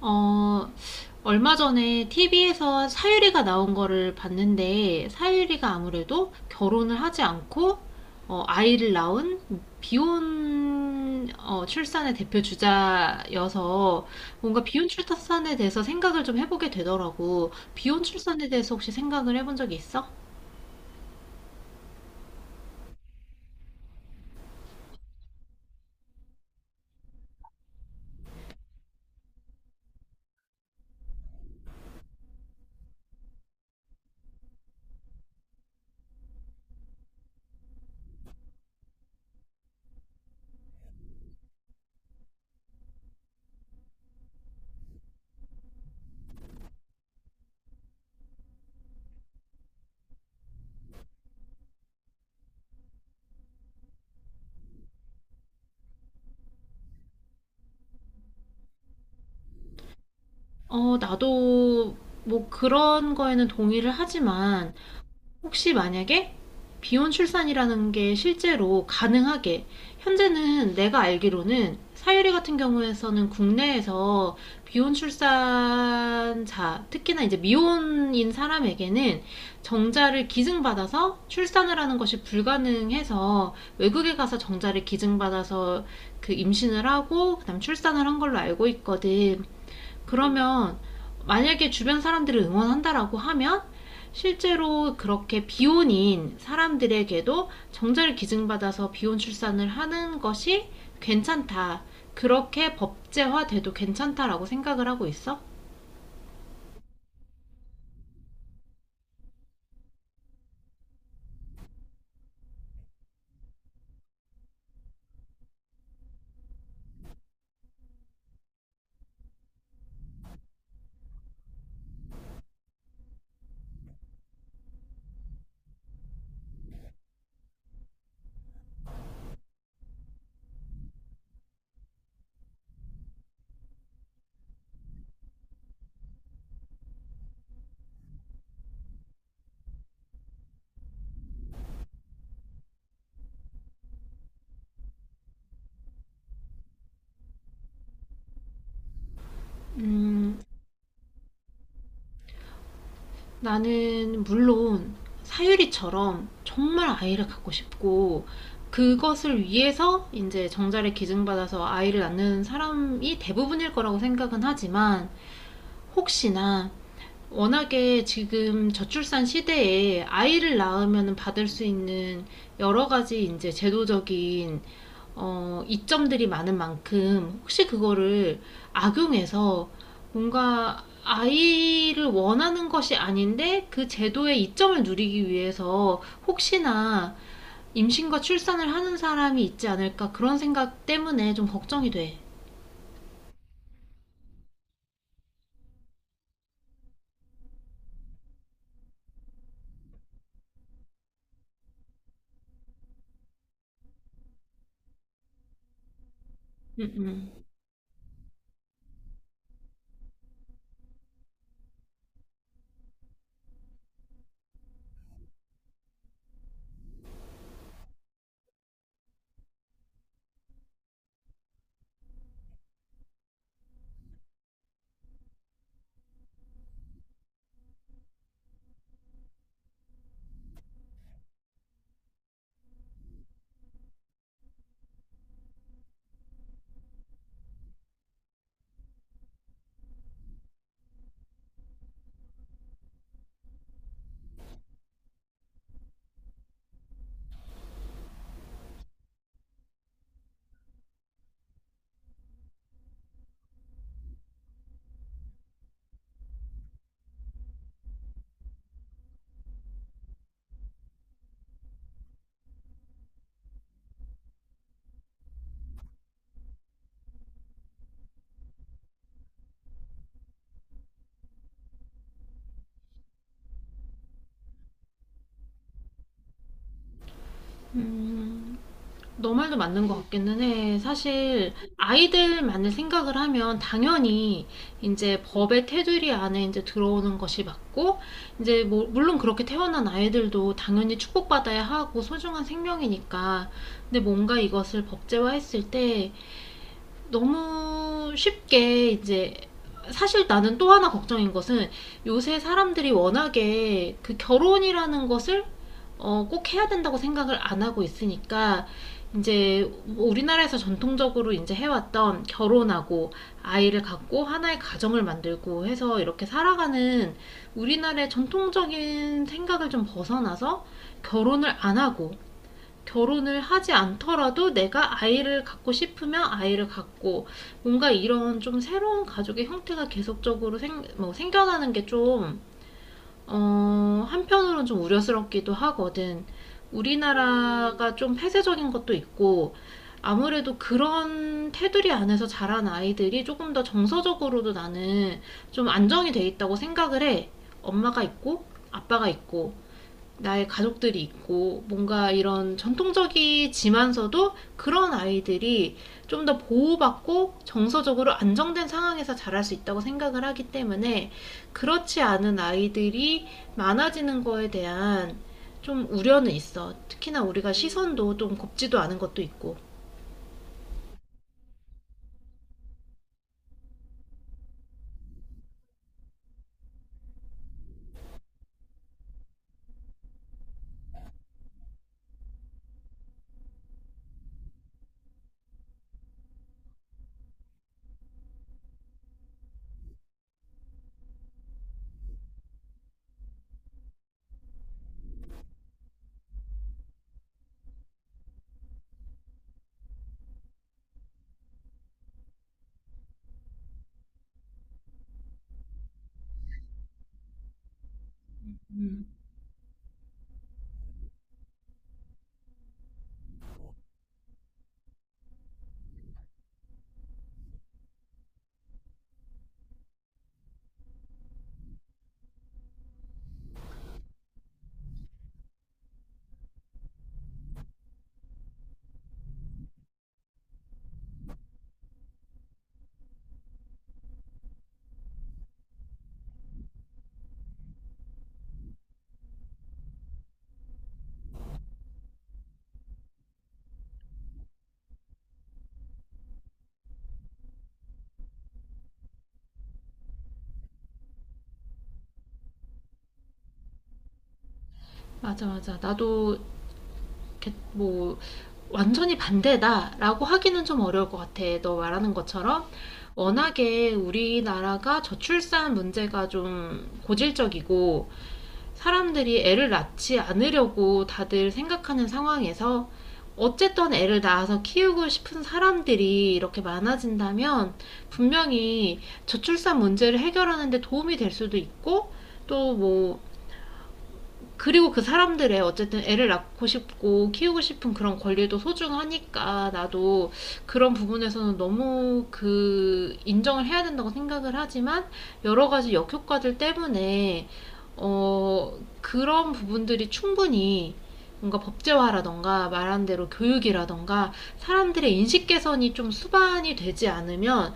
어, 얼마 전에 TV에서 사유리가 나온 거를 봤는데, 사유리가 아무래도 결혼을 하지 않고, 아이를 낳은 비혼 출산의 대표 주자여서, 뭔가 비혼 출산에 대해서 생각을 좀 해보게 되더라고. 비혼 출산에 대해서 혹시 생각을 해본 적이 있어? 나도 뭐 그런 거에는 동의를 하지만, 혹시 만약에 비혼 출산이라는 게 실제로 가능하게, 현재는 내가 알기로는 사유리 같은 경우에서는 국내에서 비혼 출산자, 특히나 이제 미혼인 사람에게는 정자를 기증받아서 출산을 하는 것이 불가능해서, 외국에 가서 정자를 기증받아서 그 임신을 하고 그다음 출산을 한 걸로 알고 있거든. 그러면 만약에 주변 사람들을 응원한다라고 하면, 실제로 그렇게 비혼인 사람들에게도 정자를 기증받아서 비혼 출산을 하는 것이 괜찮다, 그렇게 법제화돼도 괜찮다라고 생각을 하고 있어? 음, 나는 물론 사유리처럼 정말 아이를 갖고 싶고, 그것을 위해서 이제 정자를 기증받아서 아이를 낳는 사람이 대부분일 거라고 생각은 하지만, 혹시나 워낙에 지금 저출산 시대에 아이를 낳으면 받을 수 있는 여러 가지 이제 제도적인 이점들이 많은 만큼, 혹시 그거를 악용해서 뭔가 아이를 원하는 것이 아닌데 그 제도의 이점을 누리기 위해서 혹시나 임신과 출산을 하는 사람이 있지 않을까, 그런 생각 때문에 좀 걱정이 돼. 음, 음. 음. 너 말도 맞는 것 같기는 해. 사실 아이들만을 생각을 하면 당연히 이제 법의 테두리 안에 이제 들어오는 것이 맞고, 이제 뭐 물론 그렇게 태어난 아이들도 당연히 축복받아야 하고 소중한 생명이니까. 근데 뭔가 이것을 법제화했을 때 너무 쉽게 이제, 사실 나는 또 하나 걱정인 것은, 요새 사람들이 워낙에 그 결혼이라는 것을 꼭 해야 된다고 생각을 안 하고 있으니까, 이제 우리나라에서 전통적으로 이제 해왔던, 결혼하고 아이를 갖고 하나의 가정을 만들고 해서 이렇게 살아가는 우리나라의 전통적인 생각을 좀 벗어나서, 결혼을 안 하고, 결혼을 하지 않더라도 내가 아이를 갖고 싶으면 아이를 갖고, 뭔가 이런 좀 새로운 가족의 형태가 계속적으로 뭐 생겨나는 게 좀 한편으로는 좀 우려스럽기도 하거든. 우리나라가 좀 폐쇄적인 것도 있고, 아무래도 그런 테두리 안에서 자란 아이들이 조금 더 정서적으로도 나는 좀 안정이 돼 있다고 생각을 해. 엄마가 있고, 아빠가 있고, 나의 가족들이 있고, 뭔가 이런 전통적이지만서도 그런 아이들이 좀 더 보호받고 정서적으로 안정된 상황에서 자랄 수 있다고 생각을 하기 때문에, 그렇지 않은 아이들이 많아지는 거에 대한 좀 우려는 있어. 특히나 우리가 시선도 좀 곱지도 않은 것도 있고. 음, 맞아, 맞아. 나도 뭐 완전히 반대다라고 하기는 좀 어려울 것 같아. 너 말하는 것처럼 워낙에 우리나라가 저출산 문제가 좀 고질적이고 사람들이 애를 낳지 않으려고 다들 생각하는 상황에서, 어쨌든 애를 낳아서 키우고 싶은 사람들이 이렇게 많아진다면 분명히 저출산 문제를 해결하는데 도움이 될 수도 있고, 또뭐, 그리고 그 사람들의 어쨌든 애를 낳고 싶고 키우고 싶은 그런 권리도 소중하니까, 나도 그런 부분에서는 너무 그 인정을 해야 된다고 생각을 하지만, 여러 가지 역효과들 때문에 어 그런 부분들이 충분히 뭔가 법제화라던가, 말한 대로 교육이라던가, 사람들의 인식 개선이 좀 수반이 되지 않으면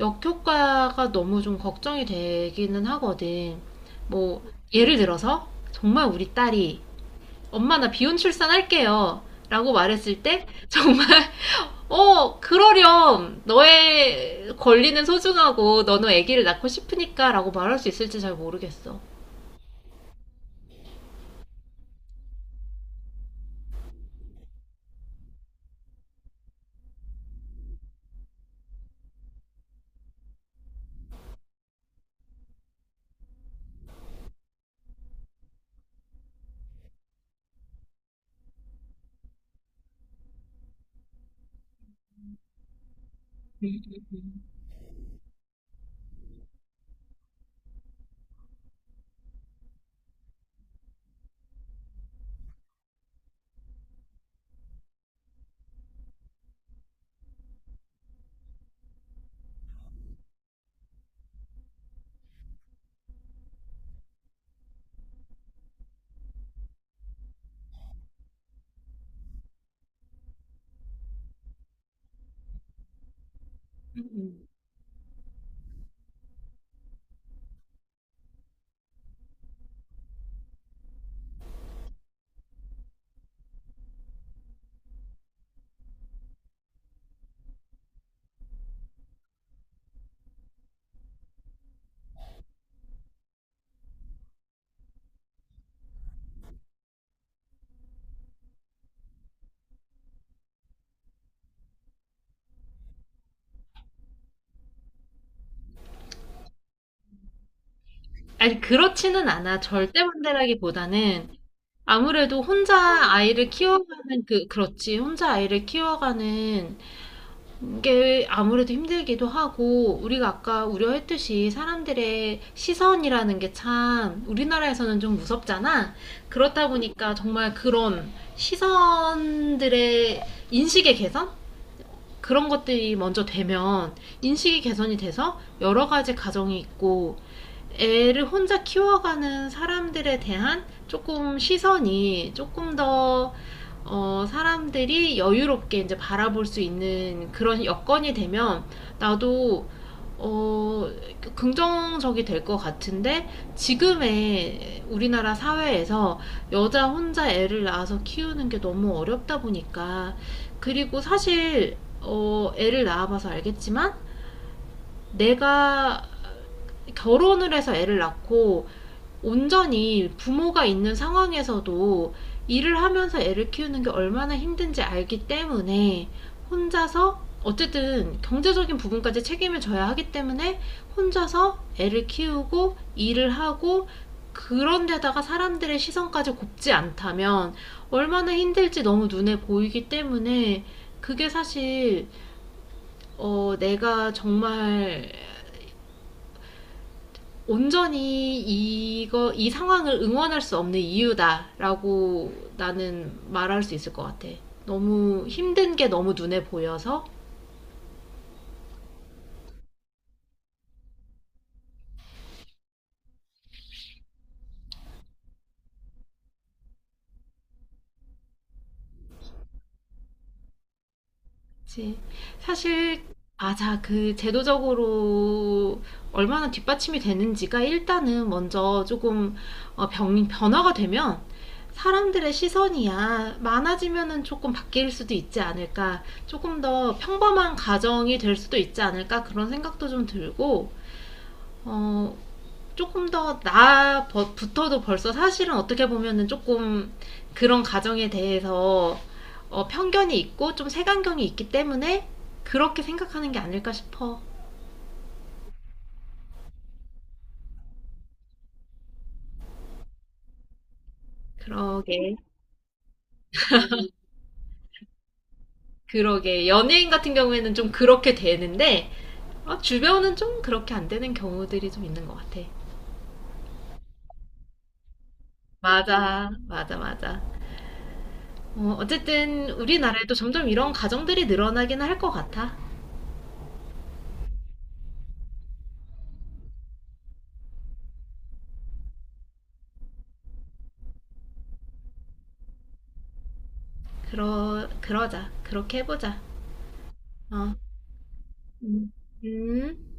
역효과가 너무 좀 걱정이 되기는 하거든. 뭐, 예를 들어서, 정말 우리 딸이, 엄마 나 비혼 출산할게요, 라고 말했을 때, 정말, 그러렴, 너의 권리는 소중하고 너는 아기를 낳고 싶으니까, 라고 말할 수 있을지 잘 모르겠어. 아니, 그렇지는 않아. 절대 반대라기보다는, 아무래도 혼자 아이를 키워가는 그렇지, 혼자 아이를 키워가는 이게 아무래도 힘들기도 하고, 우리가 아까 우려했듯이 사람들의 시선이라는 게 참 우리나라에서는 좀 무섭잖아. 그렇다 보니까 정말 그런 시선들의, 인식의 개선? 그런 것들이 먼저 되면, 인식이 개선이 돼서 여러 가지 가정이 있고 애를 혼자 키워가는 사람들에 대한 조금 시선이 조금 더 사람들이 여유롭게 이제 바라볼 수 있는 그런 여건이 되면, 나도 어, 긍정적이 될 것 같은데, 지금의 우리나라 사회에서 여자 혼자 애를 낳아서 키우는 게 너무 어렵다 보니까. 그리고 사실 애를 낳아봐서 알겠지만, 내가 결혼을 해서 애를 낳고 온전히 부모가 있는 상황에서도 일을 하면서 애를 키우는 게 얼마나 힘든지 알기 때문에, 혼자서 어쨌든 경제적인 부분까지 책임을 져야 하기 때문에 혼자서 애를 키우고 일을 하고, 그런 데다가 사람들의 시선까지 곱지 않다면 얼마나 힘들지 너무 눈에 보이기 때문에, 그게 사실 내가 정말 온전히 이거 이 상황을 응원할 수 없는 이유다라고 나는 말할 수 있을 것 같아. 너무 힘든 게 너무 눈에 보여서. 그치. 사실, 맞아, 그 제도적으로 얼마나 뒷받침이 되는지가 일단은 먼저 조금 변화가 되면, 사람들의 시선이야 많아지면은 조금 바뀔 수도 있지 않을까, 조금 더 평범한 가정이 될 수도 있지 않을까, 그런 생각도 좀 들고. 어, 조금 더 나부터도 벌써 사실은 어떻게 보면은 조금 그런 가정에 대해서 편견이 있고 좀 색안경이 있기 때문에 그렇게 생각하는 게 아닐까 싶어. 그러게, 그러게. 연예인 같은 경우에는 좀 그렇게 되는데, 주변은 좀 그렇게 안 되는 경우들이 좀 있는 것 같아. 맞아, 맞아, 맞아. 어쨌든 우리나라에도 점점 이런 가정들이 늘어나긴 할 것 같아. 그러자. 그렇게 해보자. 어. 음. 음.